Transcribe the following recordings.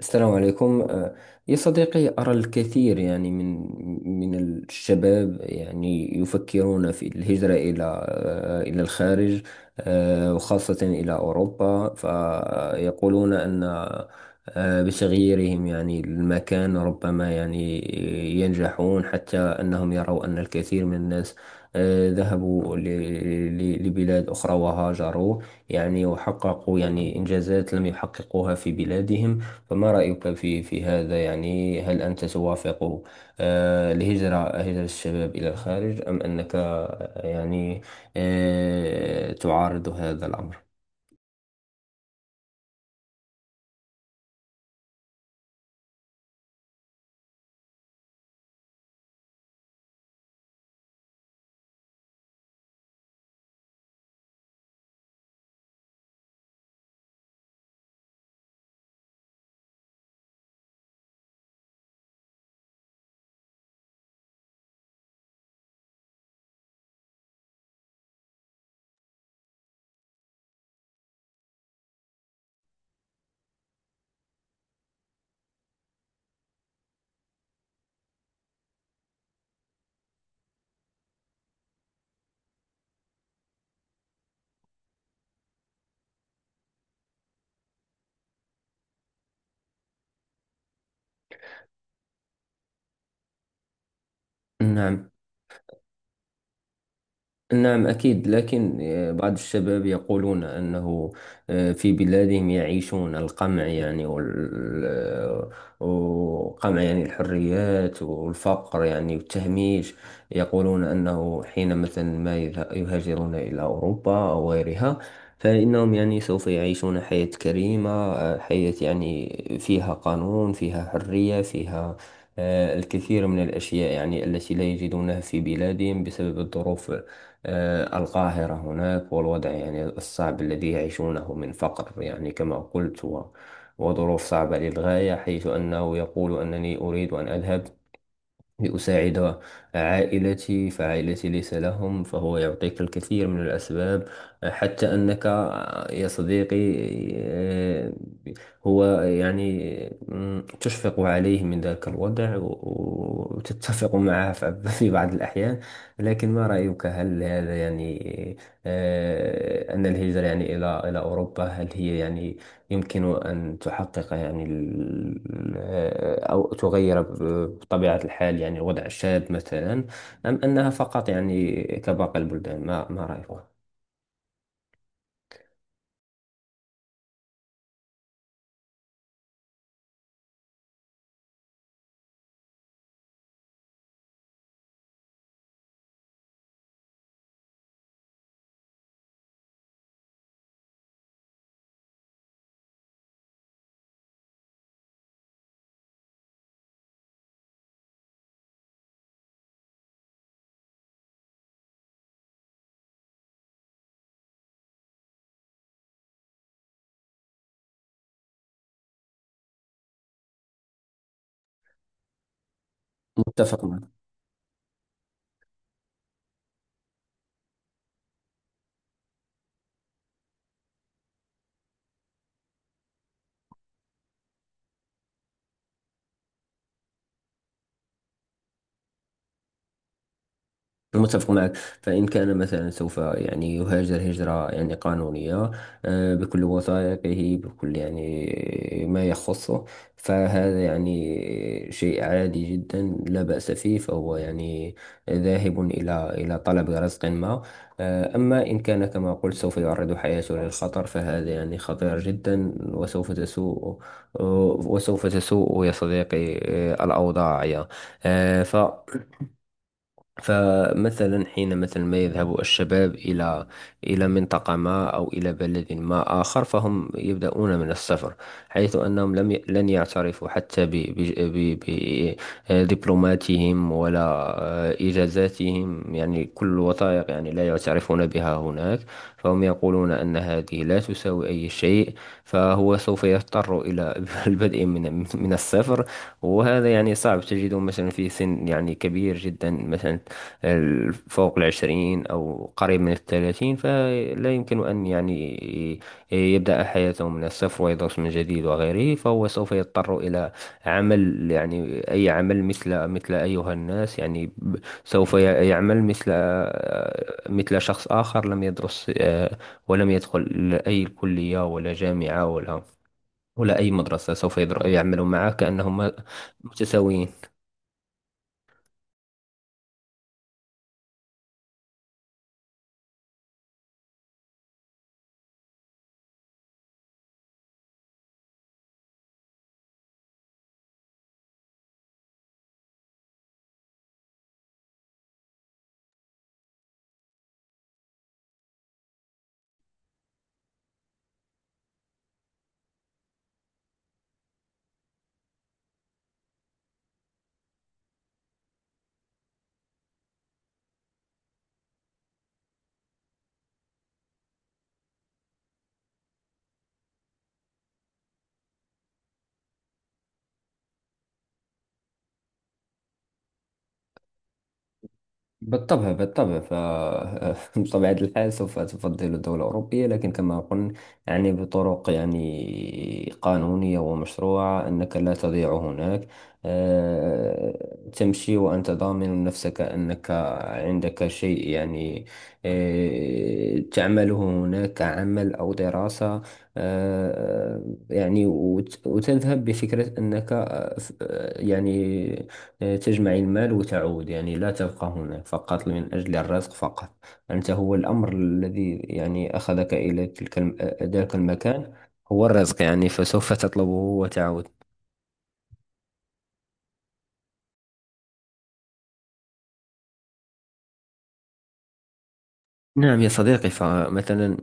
السلام عليكم. يا صديقي، أرى الكثير يعني من من الشباب يعني يفكرون في الهجرة إلى إلى الخارج، وخاصة إلى أوروبا. فيقولون أن بتغييرهم يعني المكان ربما يعني ينجحون، حتى أنهم يروا أن الكثير من الناس ذهبوا لبلاد أخرى وهاجروا يعني وحققوا يعني إنجازات لم يحققوها في بلادهم. فما رأيك في في هذا يعني؟ هل أنت توافق الهجرة، هجرة الشباب إلى الخارج، أم أنك يعني تعارض هذا الأمر؟ نعم. نعم، أكيد، لكن بعض الشباب يقولون أنه في بلادهم يعيشون القمع يعني وقمع يعني الحريات والفقر يعني والتهميش. يقولون أنه حين مثلا ما يهاجرون إلى أوروبا أو غيرها فإنهم يعني سوف يعيشون حياة كريمة، حياة يعني فيها قانون، فيها حرية، فيها الكثير من الأشياء يعني التي لا يجدونها في بلادهم بسبب الظروف القاهرة هناك، والوضع يعني الصعب الذي يعيشونه من فقر يعني كما قلت وظروف صعبة للغاية. حيث أنه يقول أنني أريد أن أذهب لأساعد عائلتي، فعائلتي ليس لهم. فهو يعطيك الكثير من الأسباب حتى أنك يا صديقي، آه، هو يعني تشفق عليه من ذاك الوضع وتتفق معه في بعض الأحيان. لكن ما رأيك؟ هل هذا يعني أن الهجرة يعني إلى إلى أوروبا، هل هي يعني يمكن أن تحقق يعني أو تغير بطبيعة الحال يعني الوضع الشاذ مثلا، أم أنها فقط يعني كباقي البلدان؟ ما ما رأيك؟ متفق. متفق معك. فإن كان مثلا سوف يعني يهاجر هجرة يعني قانونية، بكل وثائقه، بكل يعني ما يخصه، فهذا يعني شيء عادي جدا، لا بأس فيه. فهو يعني ذاهب إلى إلى طلب رزق ما. أما إن كان كما قلت سوف يعرض حياته للخطر فهذا يعني خطير جدا، وسوف تسوء وسوف تسوء يا صديقي الأوضاع يا آه، ف فمثلا حين مثلا ما يذهب الشباب إلى إلى منطقة ما أو إلى بلد ما آخر، فهم يبدأون من الصفر. حيث أنهم لم ي... لن يعترفوا حتى ب... ب... ب... ب... آه، دبلوماتهم ولا إجازاتهم، يعني كل وثائق يعني لا يعترفون بها هناك. فهم يقولون أن هذه لا تساوي أي شيء. فهو سوف يضطر إلى البدء من من الصفر. وهذا يعني صعب، تجده مثلا في سن يعني كبير جدا مثلا، فوق العشرين أو قريب من الثلاثين، فلا يمكن أن يعني يبدأ حياته من الصفر ويدرس من جديد وغيره. فهو سوف يضطر إلى عمل يعني أي عمل، مثل مثل أيها الناس يعني سوف ي- يعمل مثل مثل شخص آخر لم يدرس ولم يدخل أي كلية ولا جامعة ولا ولا أي مدرسة، سوف يعمل معه كأنهم متساويين. بالطبع، بالطبع. بطبيعة الحال سوف تفضل الدولة الأوروبية، لكن كما قلنا يعني بطرق يعني قانونية ومشروعة، أنك لا تضيع هناك. تمشي وأنت ضامن نفسك أنك عندك شيء يعني تعمله هناك، عمل أو دراسة. آه، يعني وتذهب بفكرة أنك يعني تجمع المال وتعود. يعني لا تبقى هناك فقط من أجل الرزق فقط. أنت هو الأمر الذي يعني أخذك إلى ذلك المكان هو الرزق، يعني فسوف تطلبه وتعود. نعم يا صديقي. فمثلا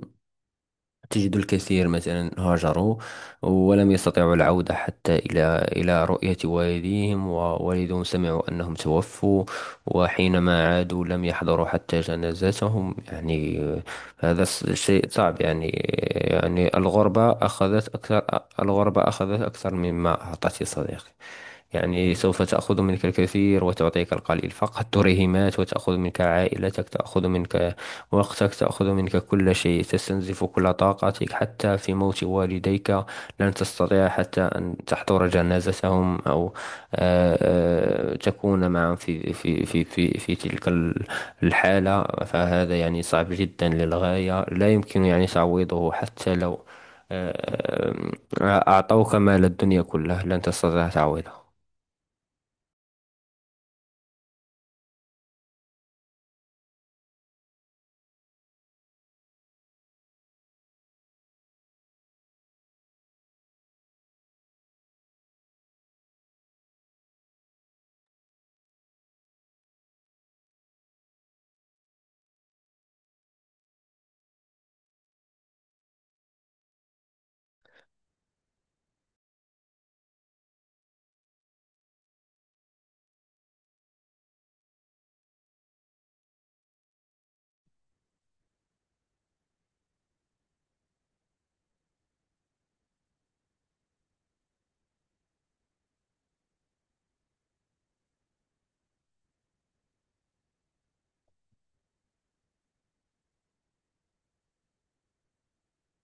تجد الكثير مثلا هاجروا ولم يستطيعوا العودة حتى إلى إلى رؤية والديهم، ووالدهم سمعوا أنهم توفوا، وحينما عادوا لم يحضروا حتى جنازتهم يعني. هذا شيء صعب يعني. يعني الغربة أخذت أكثر. الغربة أخذت أكثر مما أعطت يا صديقي. يعني سوف تأخذ منك الكثير وتعطيك القليل، فقط تريهمات. وتأخذ منك عائلتك، تأخذ منك وقتك، تأخذ منك كل شيء، تستنزف كل طاقتك. حتى في موت والديك لن تستطيع حتى أن تحضر جنازتهم أو آه، تكون معهم في في تلك الحالة. فهذا يعني صعب جدا للغاية، لا يمكن يعني تعويضه. حتى لو آه، أعطوك مال الدنيا كله لن تستطيع تعويضه.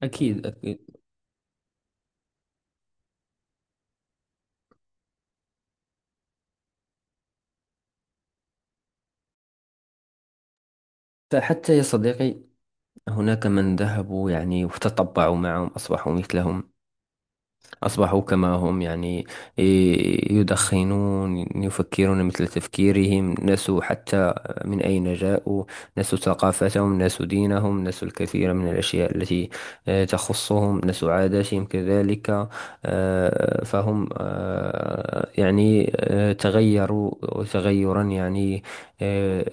أكيد، أكيد. فحتى يا صديقي هناك من ذهبوا يعني وتطبعوا معهم، أصبحوا مثلهم، أصبحوا كما هم يعني، يدخنون، يفكرون مثل تفكيرهم، نسوا حتى من أين جاءوا، نسوا ثقافتهم، نسوا دينهم، نسوا الكثير من الأشياء التي تخصهم، نسوا عاداتهم كذلك. فهم يعني تغيروا تغيرا يعني آه،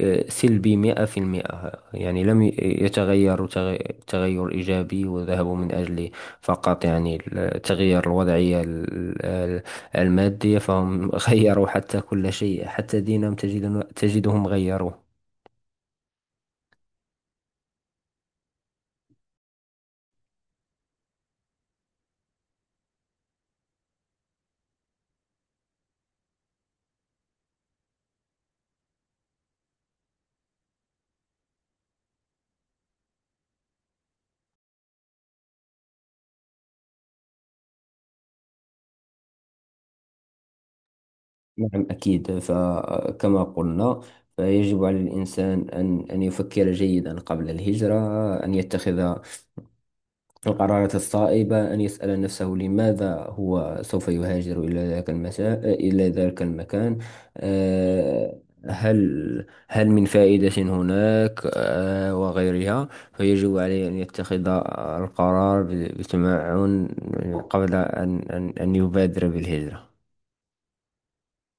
سلبي مئة في 100. يعني لم ي- يتغيروا تغير إيجابي وذهبوا من أجله، فقط يعني تغيير الوضعية المادية. فهم غيروا حتى كل شيء، حتى دينهم تجد تجدهم غيروه. نعم، أكيد. فكما قلنا، فيجب على الإنسان أن أن يفكر جيدا قبل الهجرة، أن يتخذ القرارات الصائبة، أن يسأل نفسه لماذا هو سوف يهاجر إلى إلى ذاك المكان، آه، هل هل من فائدة هناك وغيرها. فيجب عليه أن يتخذ القرار بتمعن قبل أن أن يبادر بالهجرة.